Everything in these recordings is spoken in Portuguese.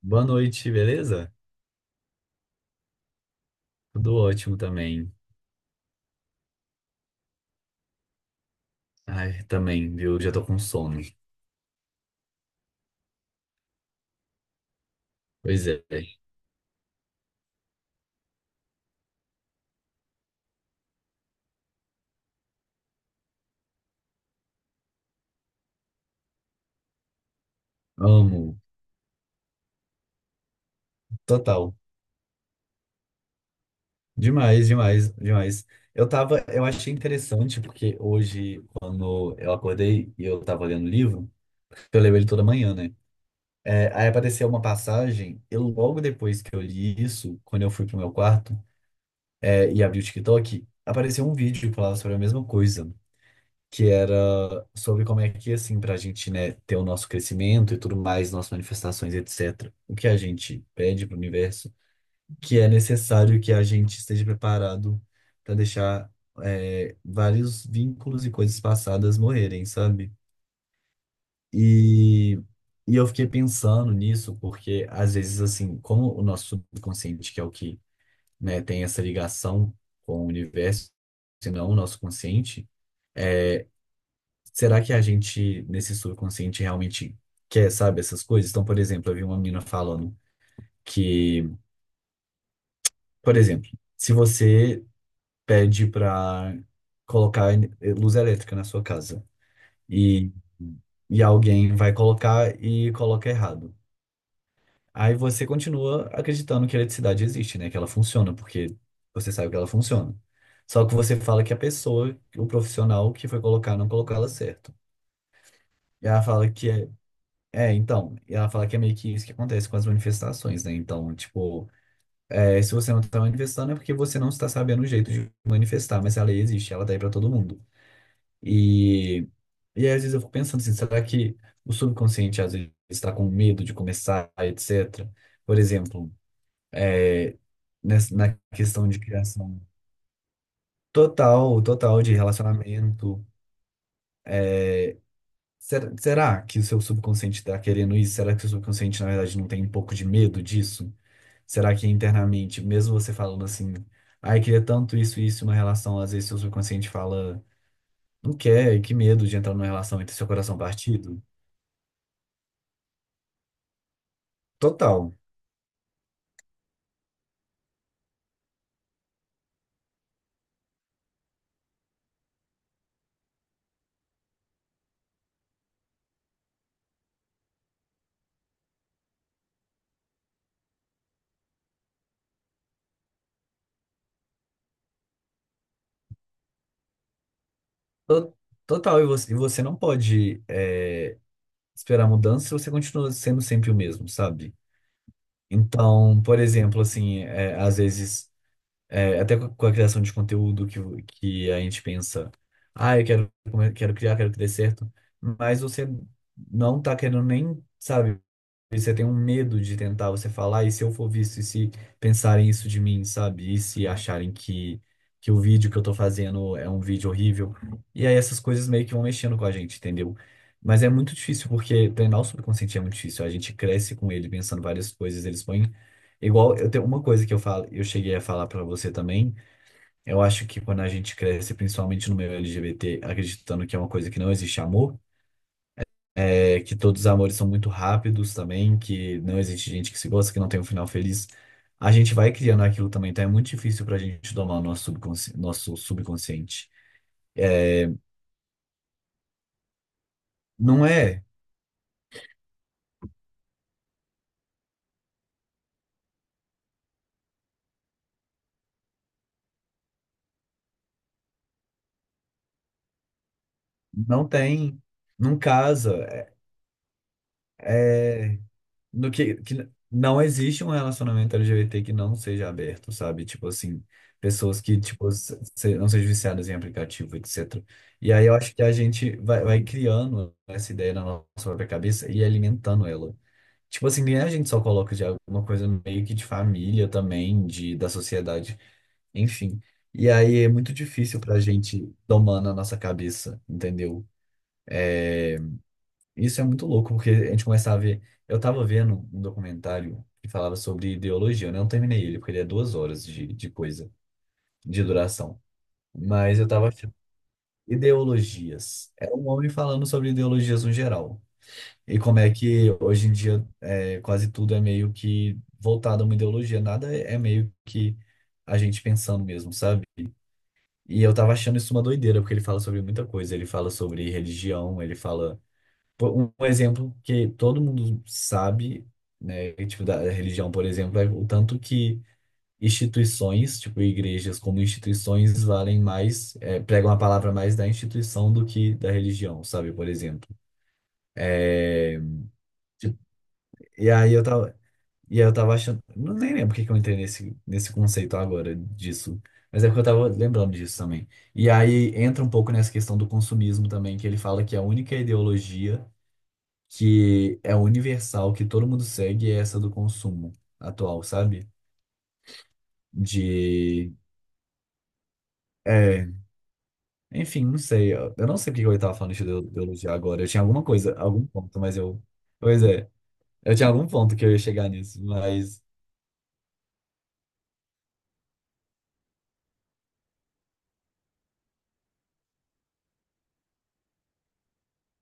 Boa noite, beleza? Tudo ótimo também. Ai, também, viu? Já tô com sono. Pois é. Amo. Total. Demais, demais, demais. Eu achei interessante porque hoje, quando eu acordei e eu tava lendo o livro, eu leio ele toda manhã, né? É, aí apareceu uma passagem, e logo depois que eu li isso, quando eu fui pro meu quarto, e abri o TikTok, apareceu um vídeo que falava sobre a mesma coisa, que era sobre como é que, assim, para a gente, né, ter o nosso crescimento e tudo mais, nossas manifestações, etc., o que a gente pede para o universo, que é necessário que a gente esteja preparado para deixar, vários vínculos e coisas passadas morrerem, sabe? E, e eu fiquei pensando nisso, porque às vezes, assim, como o nosso subconsciente, que é o que, né, tem essa ligação com o universo, se não o nosso consciente, será que a gente, nesse subconsciente, realmente quer, sabe, essas coisas? Então, por exemplo, eu vi uma menina falando que, por exemplo, se você pede para colocar luz elétrica na sua casa e, e alguém vai colocar e coloca errado, aí você continua acreditando que a eletricidade existe, né? Que ela funciona, porque você sabe que ela funciona. Só que você fala que a pessoa, o profissional que foi colocar, não colocou ela certo. E ela fala que é É, então, e ela fala que é meio que isso que acontece com as manifestações, né? Então, tipo, se você não está manifestando é porque você não está sabendo o jeito de manifestar, mas a lei existe, ela tá aí pra todo mundo. E, e aí, às vezes eu fico pensando assim, será que o subconsciente às vezes está com medo de começar, etc. Por exemplo, é, na questão de criação total, total de relacionamento. Será que o seu subconsciente está querendo isso? Será que o seu subconsciente, na verdade, não tem um pouco de medo disso? Será que internamente, mesmo você falando assim, ai, queria tanto isso e isso, uma relação, às vezes seu subconsciente fala, não quer, que medo de entrar numa relação e ter seu coração partido? Total. To- Total, e você não pode esperar mudança se você continua sendo sempre o mesmo, sabe? Então, por exemplo, assim, às vezes, até com a criação de conteúdo que, que a gente pensa, ah, quero criar, quero que dê certo, mas você não tá querendo nem, sabe? E você tem um medo de tentar, você falar, e se eu for visto, e se pensarem isso de mim, sabe? E se acharem que o vídeo que eu tô fazendo é um vídeo horrível. E aí essas coisas meio que vão mexendo com a gente, entendeu? Mas é muito difícil, porque treinar o subconsciente é muito difícil. A gente cresce com ele pensando várias coisas, eles põem. Igual, eu tenho uma coisa que eu falo, eu cheguei a falar pra você também. Eu acho que quando a gente cresce, principalmente no meio LGBT, acreditando que é uma coisa que não existe amor, é que todos os amores são muito rápidos também, que não existe gente que se gosta, que não tem um final feliz. A gente vai criando aquilo também, então é muito difícil pra gente domar o nosso subconsciente. Não é, não tem, não casa. É, é- no que não existe um relacionamento LGBT que não seja aberto, sabe? Tipo assim, pessoas que tipo não sejam viciadas em aplicativo, etc. E aí eu acho que a gente vai criando essa ideia na nossa própria cabeça e alimentando ela. Tipo assim, nem a gente só coloca de alguma coisa meio que de família também, da sociedade, enfim. E aí é muito difícil pra gente domar na nossa cabeça, entendeu? Isso é muito louco, porque a gente começa a ver. Eu tava vendo um documentário que falava sobre ideologia, né? Eu não terminei ele, porque ele é duas horas de coisa, de duração. Mas eu tava achando. Ideologias. Era um homem falando sobre ideologias no geral. E como é que hoje em dia quase tudo é meio que voltado a uma ideologia, nada é meio que a gente pensando mesmo, sabe? E eu tava achando isso uma doideira, porque ele fala sobre muita coisa. Ele fala sobre religião, ele fala. Pô, um exemplo que todo mundo sabe, né? Que, tipo, da religião, por exemplo, é o tanto que instituições, tipo, igrejas como instituições, valem mais, pregam a palavra mais da instituição do que da religião, sabe? Por exemplo. É, tipo, e aí eu tava. E aí eu tava achando. Não, nem lembro porque que eu entrei nesse conceito agora disso. Mas é porque eu tava lembrando disso também. E aí entra um pouco nessa questão do consumismo também, que ele fala que a única ideologia que é universal, que todo mundo segue, é essa do consumo atual, sabe? De. É, enfim, não sei. Eu não sei porque eu tava falando de ideologia agora. Eu tinha alguma coisa, algum ponto, mas eu. Pois é, eu tinha algum ponto que eu ia chegar nisso, mas.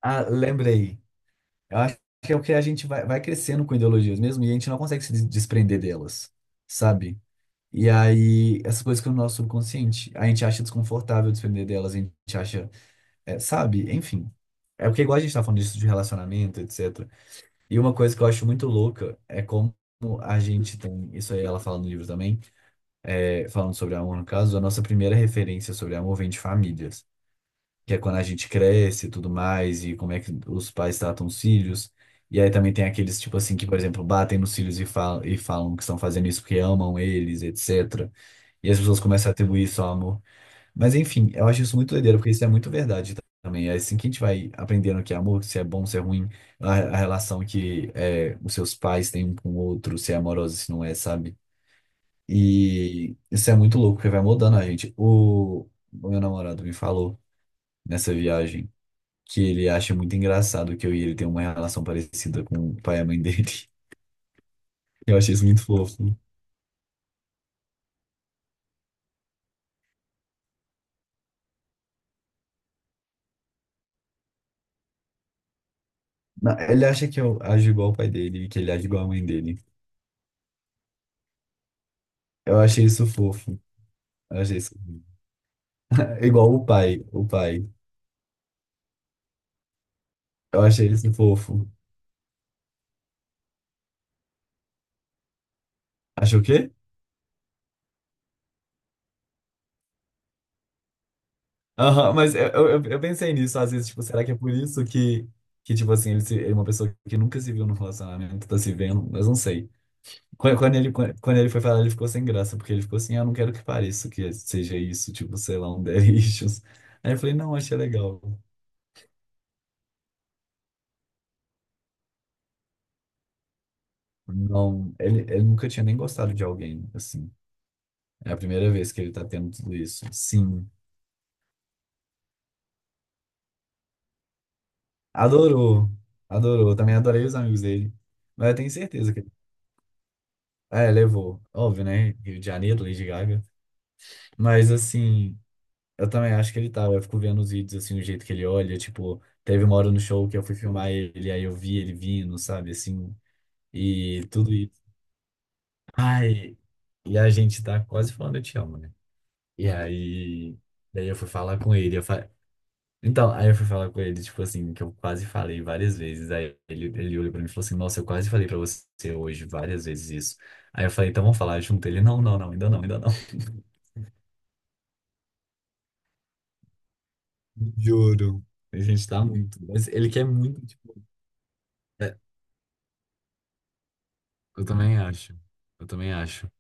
Ah, lembrei. Eu acho que é o que a gente vai crescendo com ideologias mesmo e a gente não consegue se desprender delas, sabe? E aí, essas coisas que no nosso subconsciente, a gente acha desconfortável desprender delas, a gente acha, sabe? Enfim. É porque igual a gente tá falando disso de relacionamento, etc. E uma coisa que eu acho muito louca é como a gente tem, isso aí ela fala no livro também, falando sobre amor, no caso, a nossa primeira referência sobre amor vem de famílias que é quando a gente cresce e tudo mais, e como é que os pais tratam os filhos. E aí também tem aqueles, tipo assim, que, por exemplo, batem nos filhos e falam que estão fazendo isso porque amam eles, etc. E as pessoas começam a atribuir isso ao amor. Mas enfim, eu acho isso muito doideiro, porque isso é muito verdade também. É assim que a gente vai aprendendo que é amor, se é bom, se é ruim, a relação que é, os seus pais têm um com o outro, se é amorosa, se não é, sabe? E isso é muito louco, porque vai mudando a gente. O meu namorado me falou nessa viagem que ele acha muito engraçado que eu e ele tem uma relação parecida com o pai e a mãe dele. Eu achei isso muito fofo. Ele acha que eu ajo igual o pai dele e que ele age igual a mãe dele. Eu achei isso fofo. Eu achei isso. Igual o pai, o pai. Eu achei isso fofo. Achou o quê? Aham, mas eu pensei nisso às vezes, tipo, será que é por isso que, tipo assim, ele, se- ele é uma pessoa que nunca se viu no relacionamento, tá se vendo, mas não sei. Quando ele foi falar, ele ficou sem graça, porque ele ficou assim, ah, eu não quero que pareça que seja isso, tipo, sei lá, um Daddy Issues. Aí eu falei, não, achei legal. Não, ele nunca tinha nem gostado de alguém, assim. É a primeira vez que ele tá tendo tudo isso. Sim. Adorou. Adorou. Também adorei os amigos dele. Mas eu tenho certeza que... É, levou. Óbvio, né? Rio de Janeiro, Lady Gaga. Mas, assim... Eu também acho que ele tava. Eu fico vendo os vídeos, assim, o jeito que ele olha. Tipo, teve uma hora no show que eu fui filmar ele, aí eu vi ele vindo, sabe, assim, e tudo isso. Ai, e a gente tá quase falando eu te amo, né? E aí, daí eu fui falar com ele. Então, aí eu fui falar com ele, tipo assim, que eu quase falei várias vezes. Aí ele olhou pra mim e falou assim: Nossa, eu quase falei pra você hoje várias vezes isso. Aí eu falei: Então vamos falar junto. Ele: Não, não, não, ainda não, ainda não. Juro. A gente tá muito. Mas ele quer muito, tipo. Eu também acho. Eu também acho.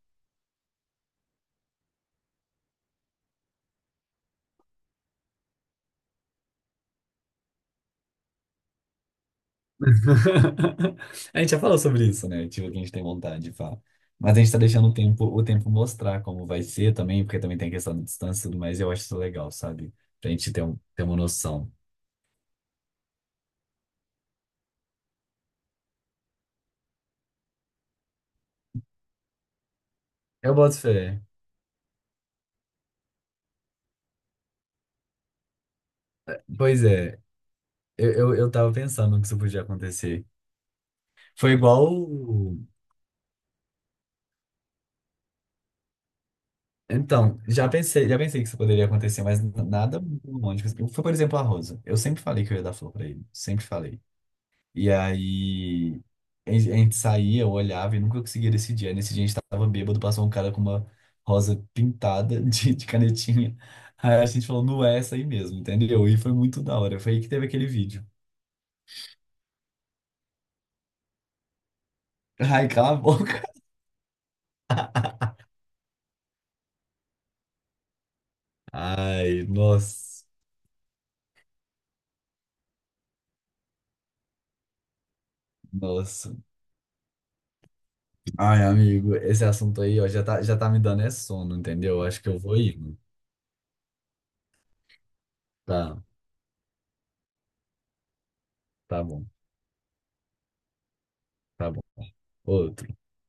A gente já falou sobre isso, né? Tipo, que a gente tem vontade de falar. Mas a gente tá deixando o tempo mostrar como vai ser também, porque também tem a questão da distância e tudo mais, e eu acho isso legal, sabe? Pra gente ter uma noção. Eu boto fé. É, pois é, eu tava pensando que isso podia acontecer. Foi igual. Então, já pensei que isso poderia acontecer, mas nada muito romântico, assim. Foi, por exemplo, a Rosa. Eu sempre falei que eu ia dar flor pra ele. Sempre falei. E aí a gente saía, eu olhava e nunca conseguia decidir. Aí nesse dia a gente tava bêbado, passou um cara com uma rosa pintada de canetinha. Aí a gente falou, não é essa aí mesmo, entendeu? E foi muito da hora. Foi aí que teve aquele vídeo. Ai, cala a boca. Ai, nossa, nossa. Ai, amigo, esse assunto aí, ó, já tá me dando é sono, entendeu? Acho que eu vou ir. Tá, tá bom, tá bom. Outro.